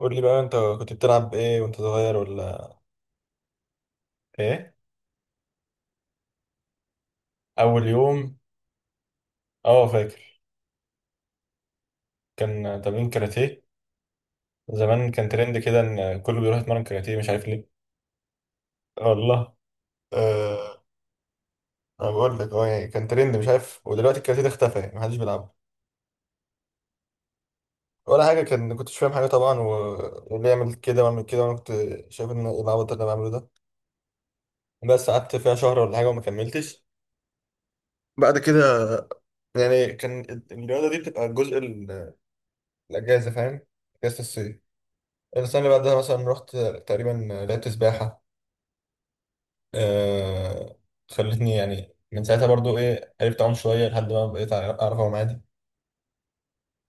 قول لي بقى انت كنت بتلعب ايه وانت صغير ولا؟ ايه؟ اول يوم. اه، فاكر. كان تمرين كاراتيه. زمان كان ترند كده، ان كله بيروح يتمرن كاراتيه مش عارف ليه. والله آه. انا بقول لك، اه يعني كان ترند مش عارف، ودلوقتي الكاراتيه ده اختفى يعني محدش بيلعبه. ولا حاجه، كان كنتش فاهم حاجه طبعا واللي يعمل كده واعمل كده، وانا كنت شايف ان ايه العبط اللي انا بعمله ده. بس قعدت فيها شهر ولا حاجه وما كملتش بعد كده. يعني كان الرياضه دي بتبقى الاجازه، فاهم؟ اجازه الصيف. السنة اللي بعدها مثلا رحت تقريبا، لعبت سباحة. آه، خلتني يعني من ساعتها برضو ايه، عرفت اعوم شوية لحد ما بقيت أعرف اعوم عادي.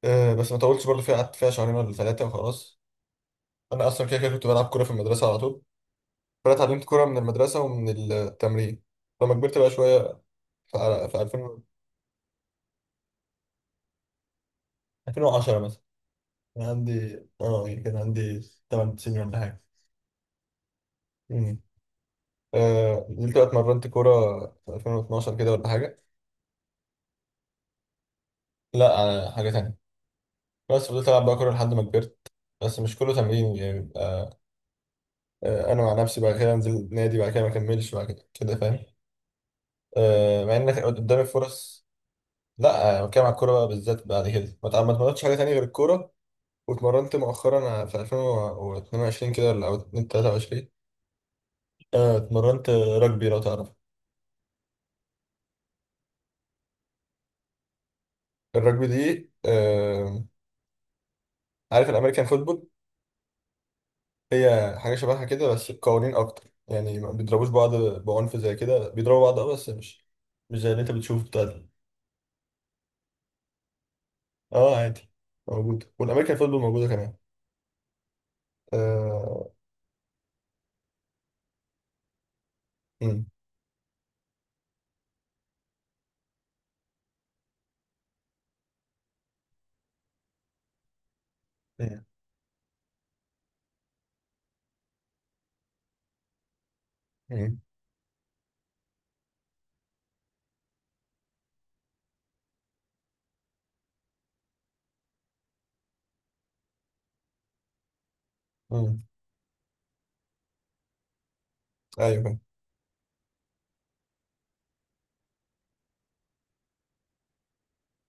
آه بس ما طولتش برضو فيها، قعدت فيها شهرين ولا ثلاثة وخلاص. أنا أصلا كده كده كنت بلعب كورة في المدرسة على طول، فأنا اتعلمت كورة من المدرسة ومن التمرين. فلما كبرت بقى شوية، في 2000، 2010 مثلا، كان عندي اه يعني كان عندي 8 سنين ولا حاجة. مم. آه، نزلت بقى اتمرنت كورة في 2012 كده ولا حاجة. لا آه، حاجة تانية. بس فضلت العب بقى كوره لحد ما كبرت، بس مش كله تمرين يعني بيبقى. آه، انا مع نفسي بعد كده انزل نادي، بعد كده ما اكملش بعد كده كده، فاهم؟ آه، مع ان قدامي فرص. لا آه، انا بتكلم على الكوره بقى بالذات، بعد كده ما اتمرنتش حاجه تانية غير الكوره. واتمرنت مؤخرا في 2022 كده ولا 2023. آه، اتمرنت رجبي لو تعرف. الرجبي دي آه، عارف الامريكان فوتبول؟ هي حاجة شبهها كده، بس قوانين أكتر يعني، ما بيضربوش بعض بعنف زي كده، بيضربوا بعض أه بس مش مش زي اللي أنت بتشوفه بتاع ده. أه عادي، موجود، والأمريكان فوتبول موجودة كمان. آه. مم. مم. مم. مم. أيوه فهمت.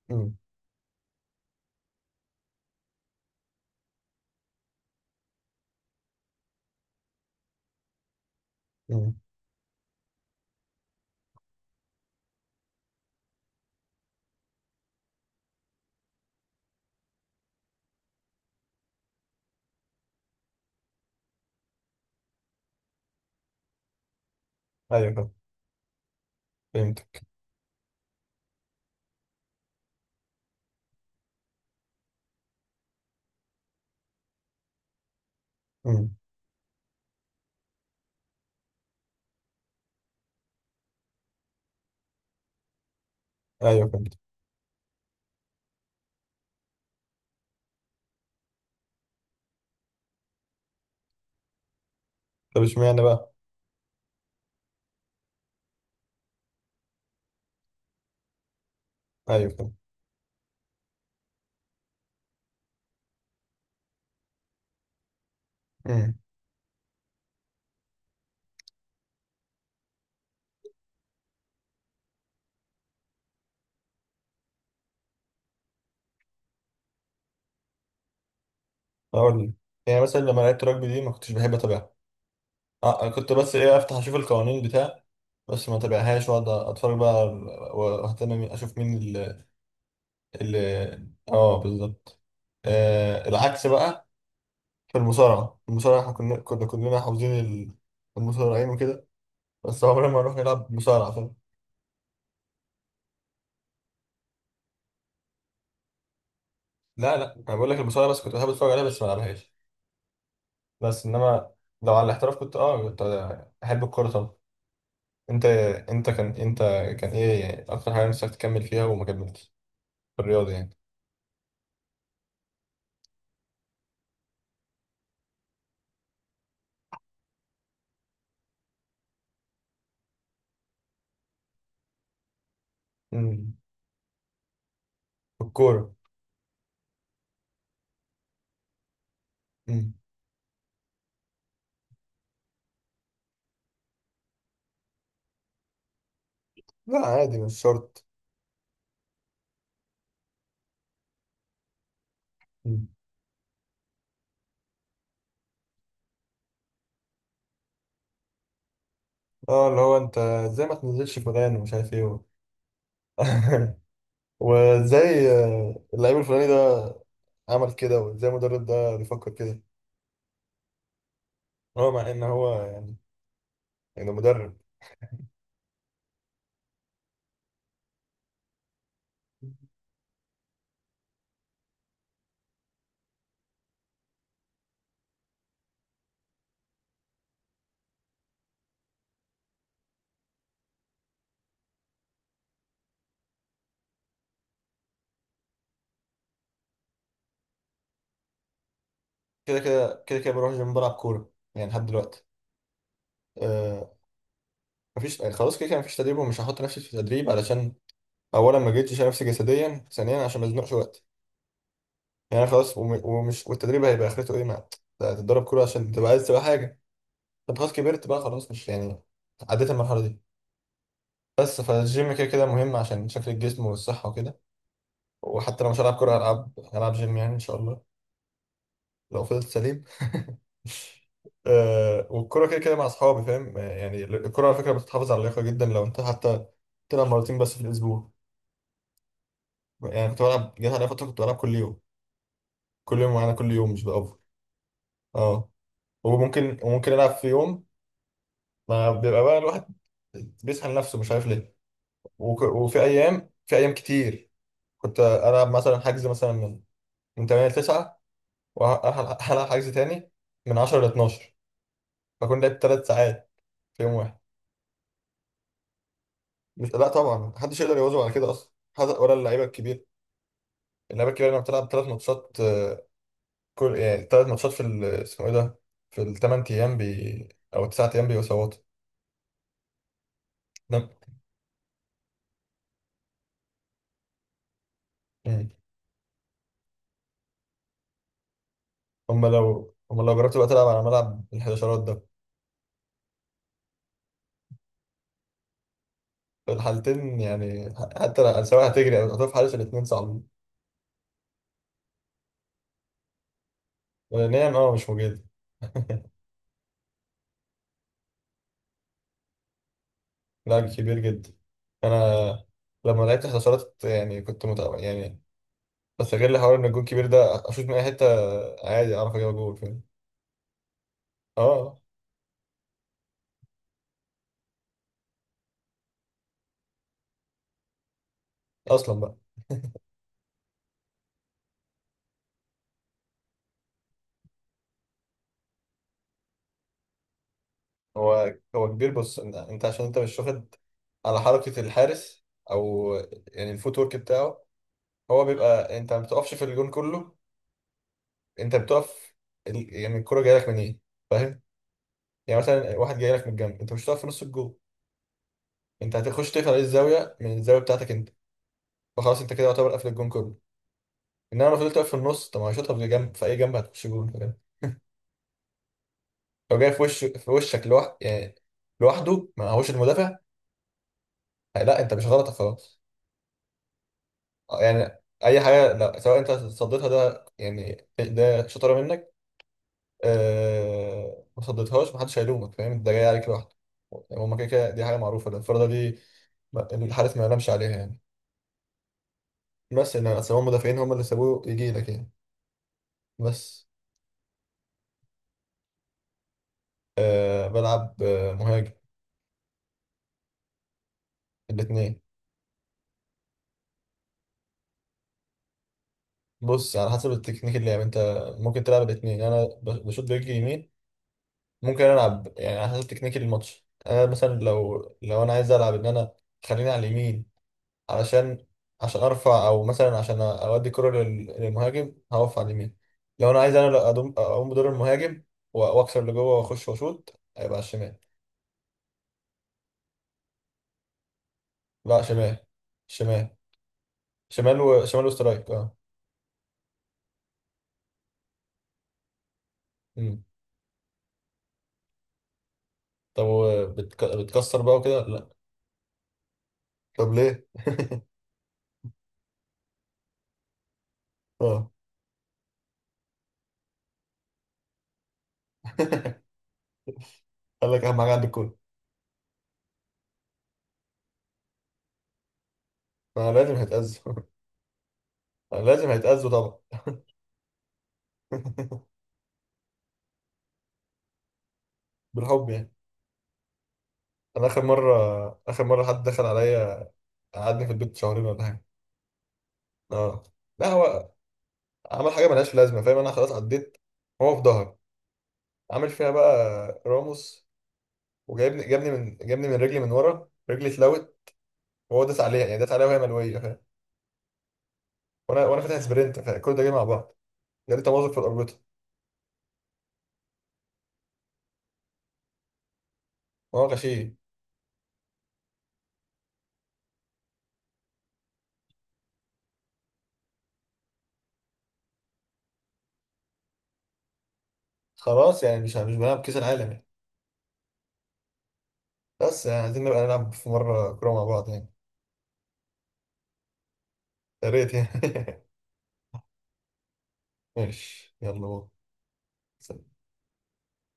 مم. مم. أيوه فهمت. فهمتك. مم. أيوه فهمت. طب اشمعنى بقى؟ أيوه فهمت. مم. أقول لك، يعني مثلا لما لعبت رugby دي ما كنتش بحب أتابعها. أه آه، كنت بس إيه، أفتح أشوف القوانين بتاع، بس ما تابعهاش واقعد اتفرج بقى، واهتم اشوف مين ال- اه بالظبط. آه العكس بقى. في المصارعة، المصارعة احنا كنا كلنا حافظين المصارعين وكده، بس عمرنا ما نروح نلعب مصارعة، فاهم؟ لا انا بقول لك المصارعة بس كنت بحب اتفرج عليها بس ما العبهاش. بس انما لو على الاحتراف كنت اه كنت احب الكورة طبعا. انت انت كان انت، كان ايه يعني اكتر حاجة نفسك تكمل فيها وما كملتش في الرياضة يعني؟ امم. الكورة. امم، لا عادي مش شرط. مم. اه اللي هو انت ازاي ما تنزلش فلان، ومش عارف ايه وازاي آه، اللعيب الفلاني ده عمل كده، وازاي المدرب ده بيفكر كده. هو مع ان هو يعني، يعني مدرب. كده كده بروح الجيم بلعب كوره يعني لحد دلوقتي. آه مفيش، يعني خلاص كده كده مفيش تدريب، ومش هحط نفسي في تدريب، علشان اولا ما جيتش نفسي جسديا، ثانيا عشان ما ازنقش وقت. يعني أنا خلاص، ومش، والتدريب هيبقى اخرته ايه؟ ما تتدرب كوره عشان تبقى عايز تبقى حاجه. طب خلاص كبرت بقى، خلاص مش يعني، عديت المرحله دي. بس فالجيم كده كده مهم عشان شكل الجسم والصحه وكده، وحتى لو مش هلعب كورة هلعب جيم يعني إن شاء الله، لو فضلت سليم. آه، والكرة كده كده مع أصحابي، فاهم؟ آه، يعني الكرة على فكرة بتحافظ على اللياقة جدا، لو أنت حتى تلعب مرتين بس في الأسبوع. يعني كنت بلعب، جت عليا فترة كنت بلعب كل يوم، كل يوم معانا كل يوم، مش بأوفر. أه، وممكن ألعب في يوم، ما بيبقى بقى الواحد بيسحل نفسه مش عارف ليه. وفي أيام، في أيام كتير كنت ألعب مثلا حجز مثلا من 8 ل 9، وهلعب حجز تاني من 10 ل 12، بكون لعبت 3 ساعات في يوم واحد. مش لا طبعا، محدش يقدر يواظب على كده اصلا، ولا اللعيبه الكبير. اللعيبه الكبيره لما بتلعب ثلاث ماتشات آه، كل يعني ثلاث ماتشات في اسمه ايه ده، في الثمان ايام بي او التسع ايام، بيبقوا سواط. ده- مم. هم لو جربت بقى تلعب على ملعب الحداشرات ده، في الحالتين يعني، حتى لو، سواء هتجري او هتقف حارس، الاثنين صعب. نعم اه مش موجود. لاعب كبير جدا. انا لما لعبت حداشرات يعني كنت متابع يعني، استغل حوار ان الجون كبير ده، اشوط من اي حته عادي اعرف اجيب جول، فاهم؟ اه آه، اصلا بقى. هو كبير، بص انت عشان انت مش واخد على حركه الحارس او، يعني الفوت ورك بتاعه. هو بيبقى انت ما بتقفش في الجون كله، انت بتقف يعني الكره جايه لك منين، فاهم؟ يعني مثلا واحد جاي لك من الجنب، انت مش هتقف في نص الجون، انت هتخش تقفل عليه الزاويه، من الزاويه بتاعتك انت. فخلاص انت كده يعتبر قافل الجون كله، انما لو فضلت واقف في النص، طب ما هيشوطها في جنب، في اي جنب هتخش جون، فاهم؟ لو جاي في وشك يعني لوحده، ما هوش المدافع. لا انت مش غلطك خلاص. آه، يعني اي حاجه، لا سواء انت صديتها، ده يعني ده شطاره منك. أه... ما صديتهاش محدش هيلومك، فاهم؟ ده جاي عليك لوحده، يعني هما كده كده دي حاجه معروفه، ده الفرده دي الحارس ما ينامش عليها يعني. بس ان اصل هما المدافعين هما اللي سابوه يجي لك يعني، بس. أه... بلعب آه، مهاجم. الاثنين. بص على حسب التكنيك اللي يعني انت، ممكن تلعب الاثنين. انا بشوط برجلي يمين، ممكن العب يعني على حسب تكنيكي الماتش. انا مثلا لو انا عايز العب ان انا خليني على اليمين، علشان، عشان ارفع، او مثلا عشان اودي كرة للمهاجم، هقف على اليمين. لو انا عايز انا، لا اقوم بدور المهاجم، واكسر لجوه واخش واشوط، هيبقى على الشمال. لا شمال. شمال شمال وشمال وسترايك اه. امم طب بتكسر بقى وكده لا؟ طب ليه؟ اه. قال لك اهم حاجه عندك كله، ما لازم هيتأذوا. لازم هيتأذوا طبعا. بالحب يعني. انا اخر مره، اخر مره حد دخل عليا قعدني في البيت شهرين ولا حاجه. اه. لا هو عمل حاجه ملهاش لازمه، فاهم؟ انا خلاص عديت. هو في ظهري عامل فيها بقى راموس، وجايبني جابني من جابني من رجلي، من ورا رجلي اتلوت، وهو داس عليها يعني، داس عليها وهي ملويه، فاهم؟ وانا فاتح سبرنت، فكل ده جاي مع بعض، جالي تمازق في الاربطه. وهو غشيم. خلاص يعني مش مش بنلعب كاس العالم يعني، بس يعني عايزين نبقى نلعب في مره كوره مع بعض يعني. يا ريت يعني. ماشي يلا بقى.